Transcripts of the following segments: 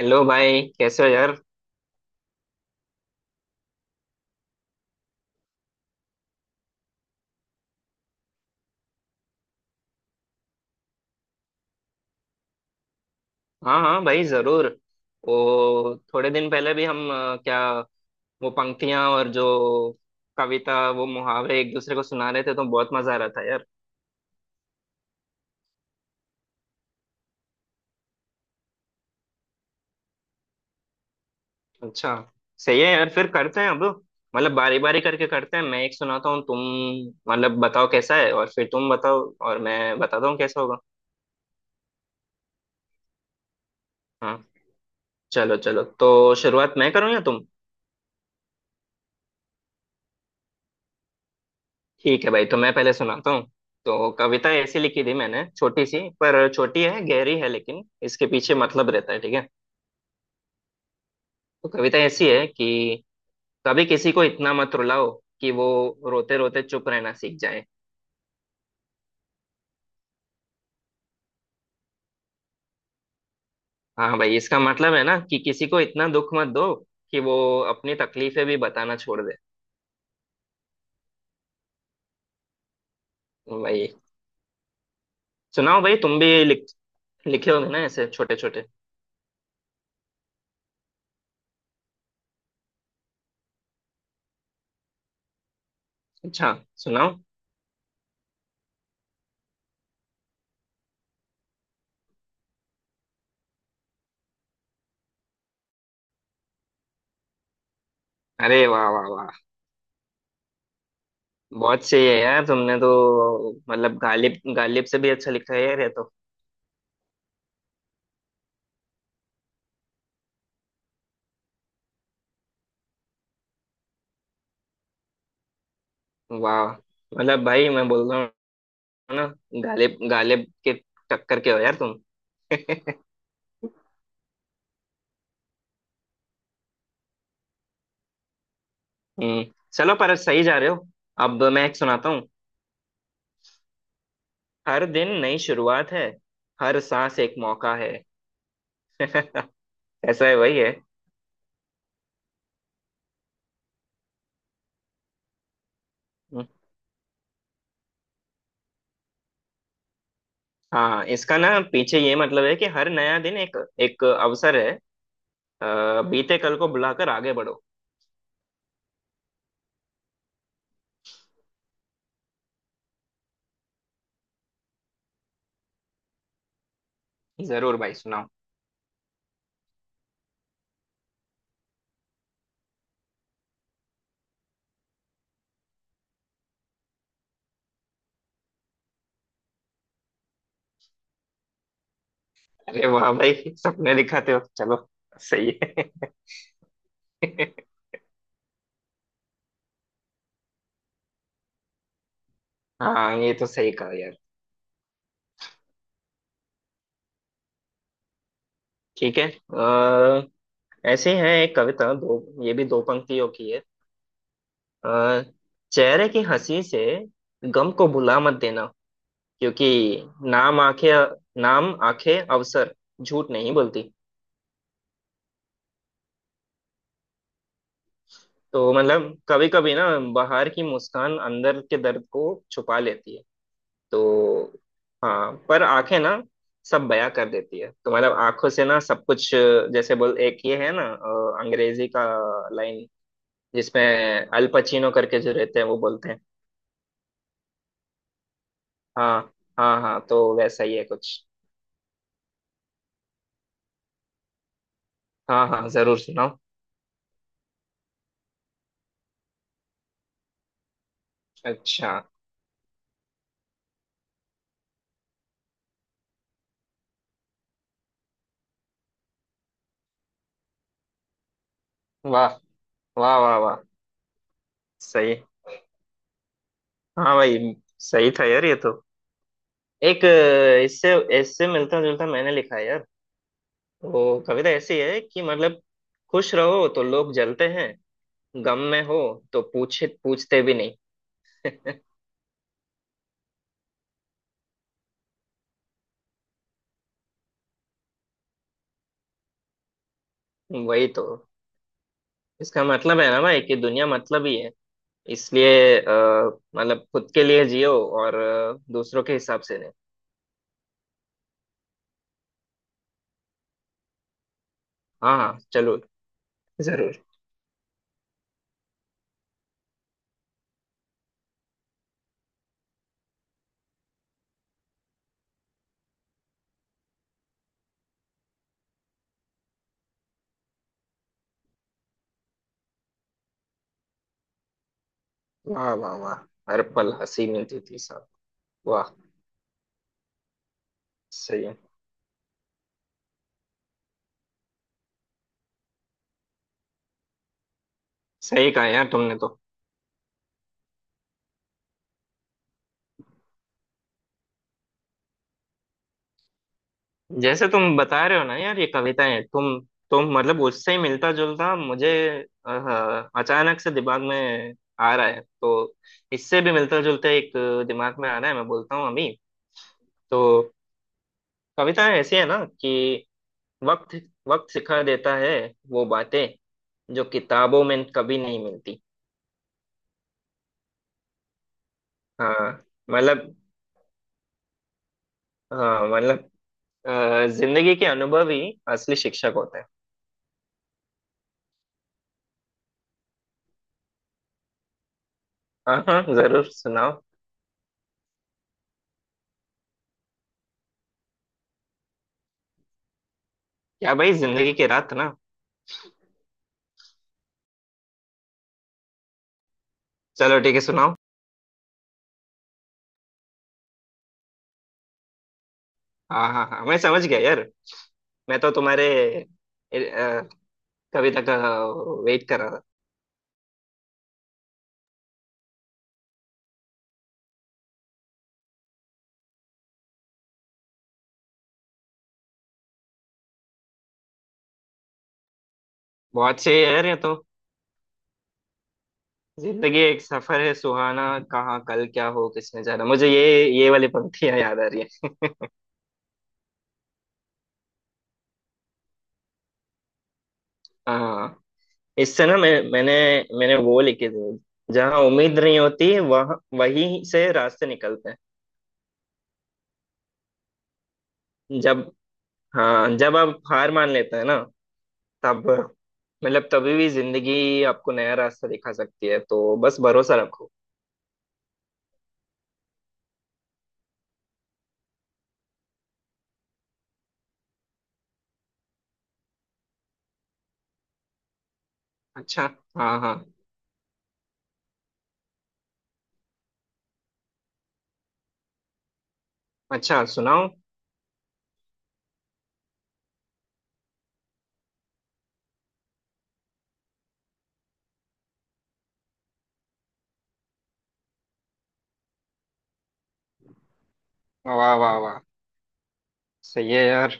Hello भाई कैसे हो यार। हाँ हाँ भाई जरूर। वो थोड़े दिन पहले भी हम क्या वो पंक्तियां और जो कविता वो मुहावरे एक दूसरे को सुना रहे थे तो बहुत मजा आ रहा था यार। अच्छा। सही है यार। फिर करते हैं अब मतलब बारी बारी करके करते हैं। मैं एक सुनाता हूँ, तुम मतलब बताओ कैसा है और फिर तुम बताओ और मैं बताता हूँ कैसा होगा। हाँ। चलो चलो, तो शुरुआत मैं करूँ या तुम। ठीक है भाई, तो मैं पहले सुनाता हूँ। तो कविता ऐसी लिखी थी मैंने, छोटी सी पर छोटी है गहरी है, लेकिन इसके पीछे मतलब रहता है, ठीक है। तो कविता ऐसी है कि कभी किसी को इतना मत रुलाओ कि वो रोते रोते चुप रहना सीख जाए। हाँ भाई, इसका मतलब है ना कि किसी को इतना दुख मत दो कि वो अपनी तकलीफें भी बताना छोड़ दे। भाई सुनाओ, भाई तुम भी लिखे होगे ना ऐसे छोटे छोटे। अच्छा। सुनाओ। अरे वाह वाह वाह। बहुत सही है यार, तुमने तो मतलब गालिब गालिब से भी अच्छा लिखा है यार ये तो। वाह। मतलब भाई मैं बोल रहा हूँ ना, गालिब गालिब के टक्कर के हो यार तुम। हम्म। चलो, पर सही जा रहे हो। अब मैं एक सुनाता हूँ। हर दिन नई शुरुआत है, हर सांस एक मौका है। ऐसा है वही है। हम्म, हाँ, इसका ना पीछे ये मतलब है कि हर नया दिन एक एक अवसर है। बीते कल को बुलाकर आगे बढ़ो। जरूर भाई, सुनाओ। अरे वाह भाई, सपने दिखाते हो, चलो। सही है। हाँ ये तो सही कहा यार। ठीक है। अ, ऐसे ही है एक कविता दो, ये भी दो पंक्तियों की है। अ, चेहरे की हंसी से गम को भुला मत देना, क्योंकि नाम आंखें नाम आंखें अवसर झूठ नहीं बोलती। तो मतलब कभी कभी ना बाहर की मुस्कान अंदर के दर्द को छुपा लेती है। तो हाँ, पर आंखें ना सब बयां कर देती है। तो मतलब आंखों से ना सब कुछ, जैसे बोल एक ये है ना, अंग्रेजी का लाइन जिसमें अल पचीनो करके जो रहते हैं वो बोलते हैं। हाँ हाँ हाँ, तो वैसा ही है कुछ। हाँ हाँ जरूर सुनाओ। अच्छा। वाह वाह वाह वाह। सही। हाँ भाई, सही था यार ये तो। एक इससे इससे मिलता जुलता मैंने लिखा है यार। वो कविता ऐसी है कि मतलब खुश रहो तो लोग जलते हैं। गम में हो तो पूछे पूछते भी नहीं। वही तो। इसका मतलब है ना भाई कि दुनिया मतलब ही है, इसलिए मतलब खुद के लिए जियो और दूसरों के हिसाब से नहीं। हाँ हाँ चलो जरूर। वाह वाह वाह। हर पल हंसी मिलती थी साहब। वाह। सही है। सही कहा यार तुमने तो। जैसे तुम बता रहे हो ना यार ये कविताएं तुम, मतलब उससे ही मिलता जुलता मुझे अचानक से दिमाग में आ रहा है। तो इससे भी मिलता जुलता एक दिमाग में आ रहा है, मैं बोलता हूँ अभी। तो कविताएं ऐसी है ना कि वक्त वक्त सिखा देता है वो बातें जो किताबों में कभी नहीं मिलती। हाँ मतलब, हाँ मतलब जिंदगी के अनुभव ही असली शिक्षक होते हैं। हाँ हाँ जरूर सुनाओ। क्या भाई, जिंदगी के रात ना। चलो ठीक है सुनाओ। हाँ हाँ हाँ, मैं समझ गया यार। मैं तो तुम्हारे अ, कविता का वेट कर रहा था। बहुत सही है यार ये तो। जिंदगी एक सफर है सुहाना, कहाँ कल क्या हो किसने जाना, मुझे ये वाली पंक्तियां याद आ रही है। इससे ना मैंने वो लिखे थे, जहाँ उम्मीद नहीं होती वह वहीं से रास्ते निकलते हैं, जब। हाँ, जब आप हार मान लेते हैं ना, तब मतलब तभी भी जिंदगी आपको नया रास्ता दिखा सकती है, तो बस भरोसा रखो। अच्छा। हाँ हाँ। अच्छा सुनाओ। वाह वाह वाह। सही है यार।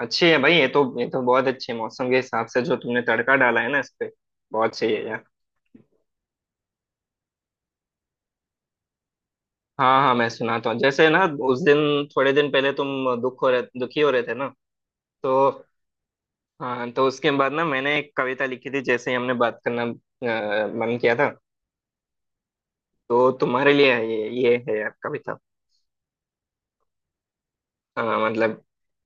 अच्छी है भाई ये तो, बहुत अच्छी है, मौसम के हिसाब से जो तुमने तड़का डाला है ना इस पे। बहुत सही है यार। हाँ हाँ मैं सुनाता हूँ। जैसे ना उस दिन, थोड़े दिन पहले तुम दुखी हो रहे थे ना। तो हाँ, तो उसके बाद ना मैंने एक कविता लिखी थी, जैसे ही हमने बात करना मन किया था। तो तुम्हारे लिए है, ये है यार कविता। मतलब,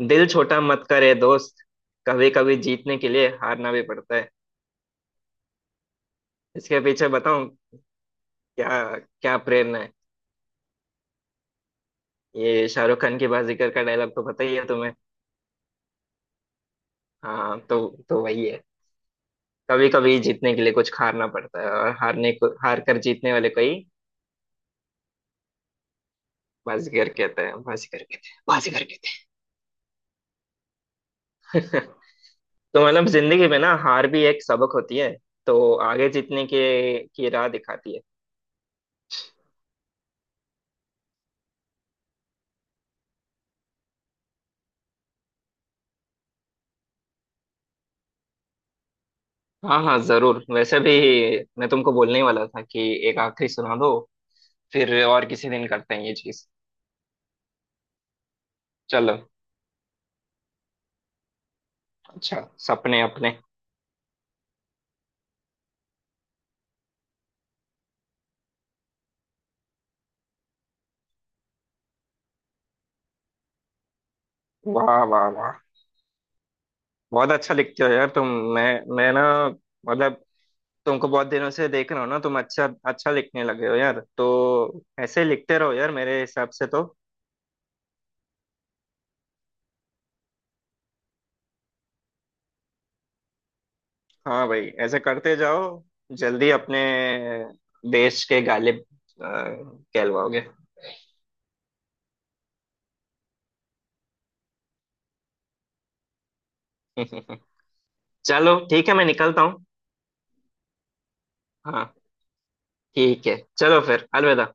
दिल छोटा मत करे दोस्त, कभी कभी जीतने के लिए हारना भी पड़ता है। इसके पीछे बताऊं क्या, क्या प्रेरणा है। ये शाहरुख खान की बाजीगर का डायलॉग तो पता ही है तुम्हें। हाँ, तो वही है। कभी कभी जीतने के लिए कुछ हारना पड़ता है, और हारने को हार कर जीतने वाले को ही बाजीगर कहता है, बाजीगर कहते हैं, बाजीगर कहते हैं। तो मतलब जिंदगी में ना हार भी एक सबक होती है। तो आगे जीतने के की राह दिखाती है। हाँ हाँ जरूर, वैसे भी मैं तुमको बोलने ही वाला था कि एक आखिरी सुना दो, फिर और किसी दिन करते हैं ये चीज। चलो। अच्छा। सपने अपने। वाह वाह वाह। बहुत अच्छा लिखते हो यार तुम। मैं मैं ना मतलब, तुमको बहुत दिनों से देख रहा हूँ ना, तुम अच्छा अच्छा लिखने लगे हो यार। तो ऐसे ही लिखते रहो यार मेरे हिसाब से तो। हाँ भाई ऐसे करते जाओ, जल्दी अपने देश के गालिब अ, कहलवाओगे। चलो ठीक है, मैं निकलता हूँ। हाँ ठीक है, चलो फिर अलविदा।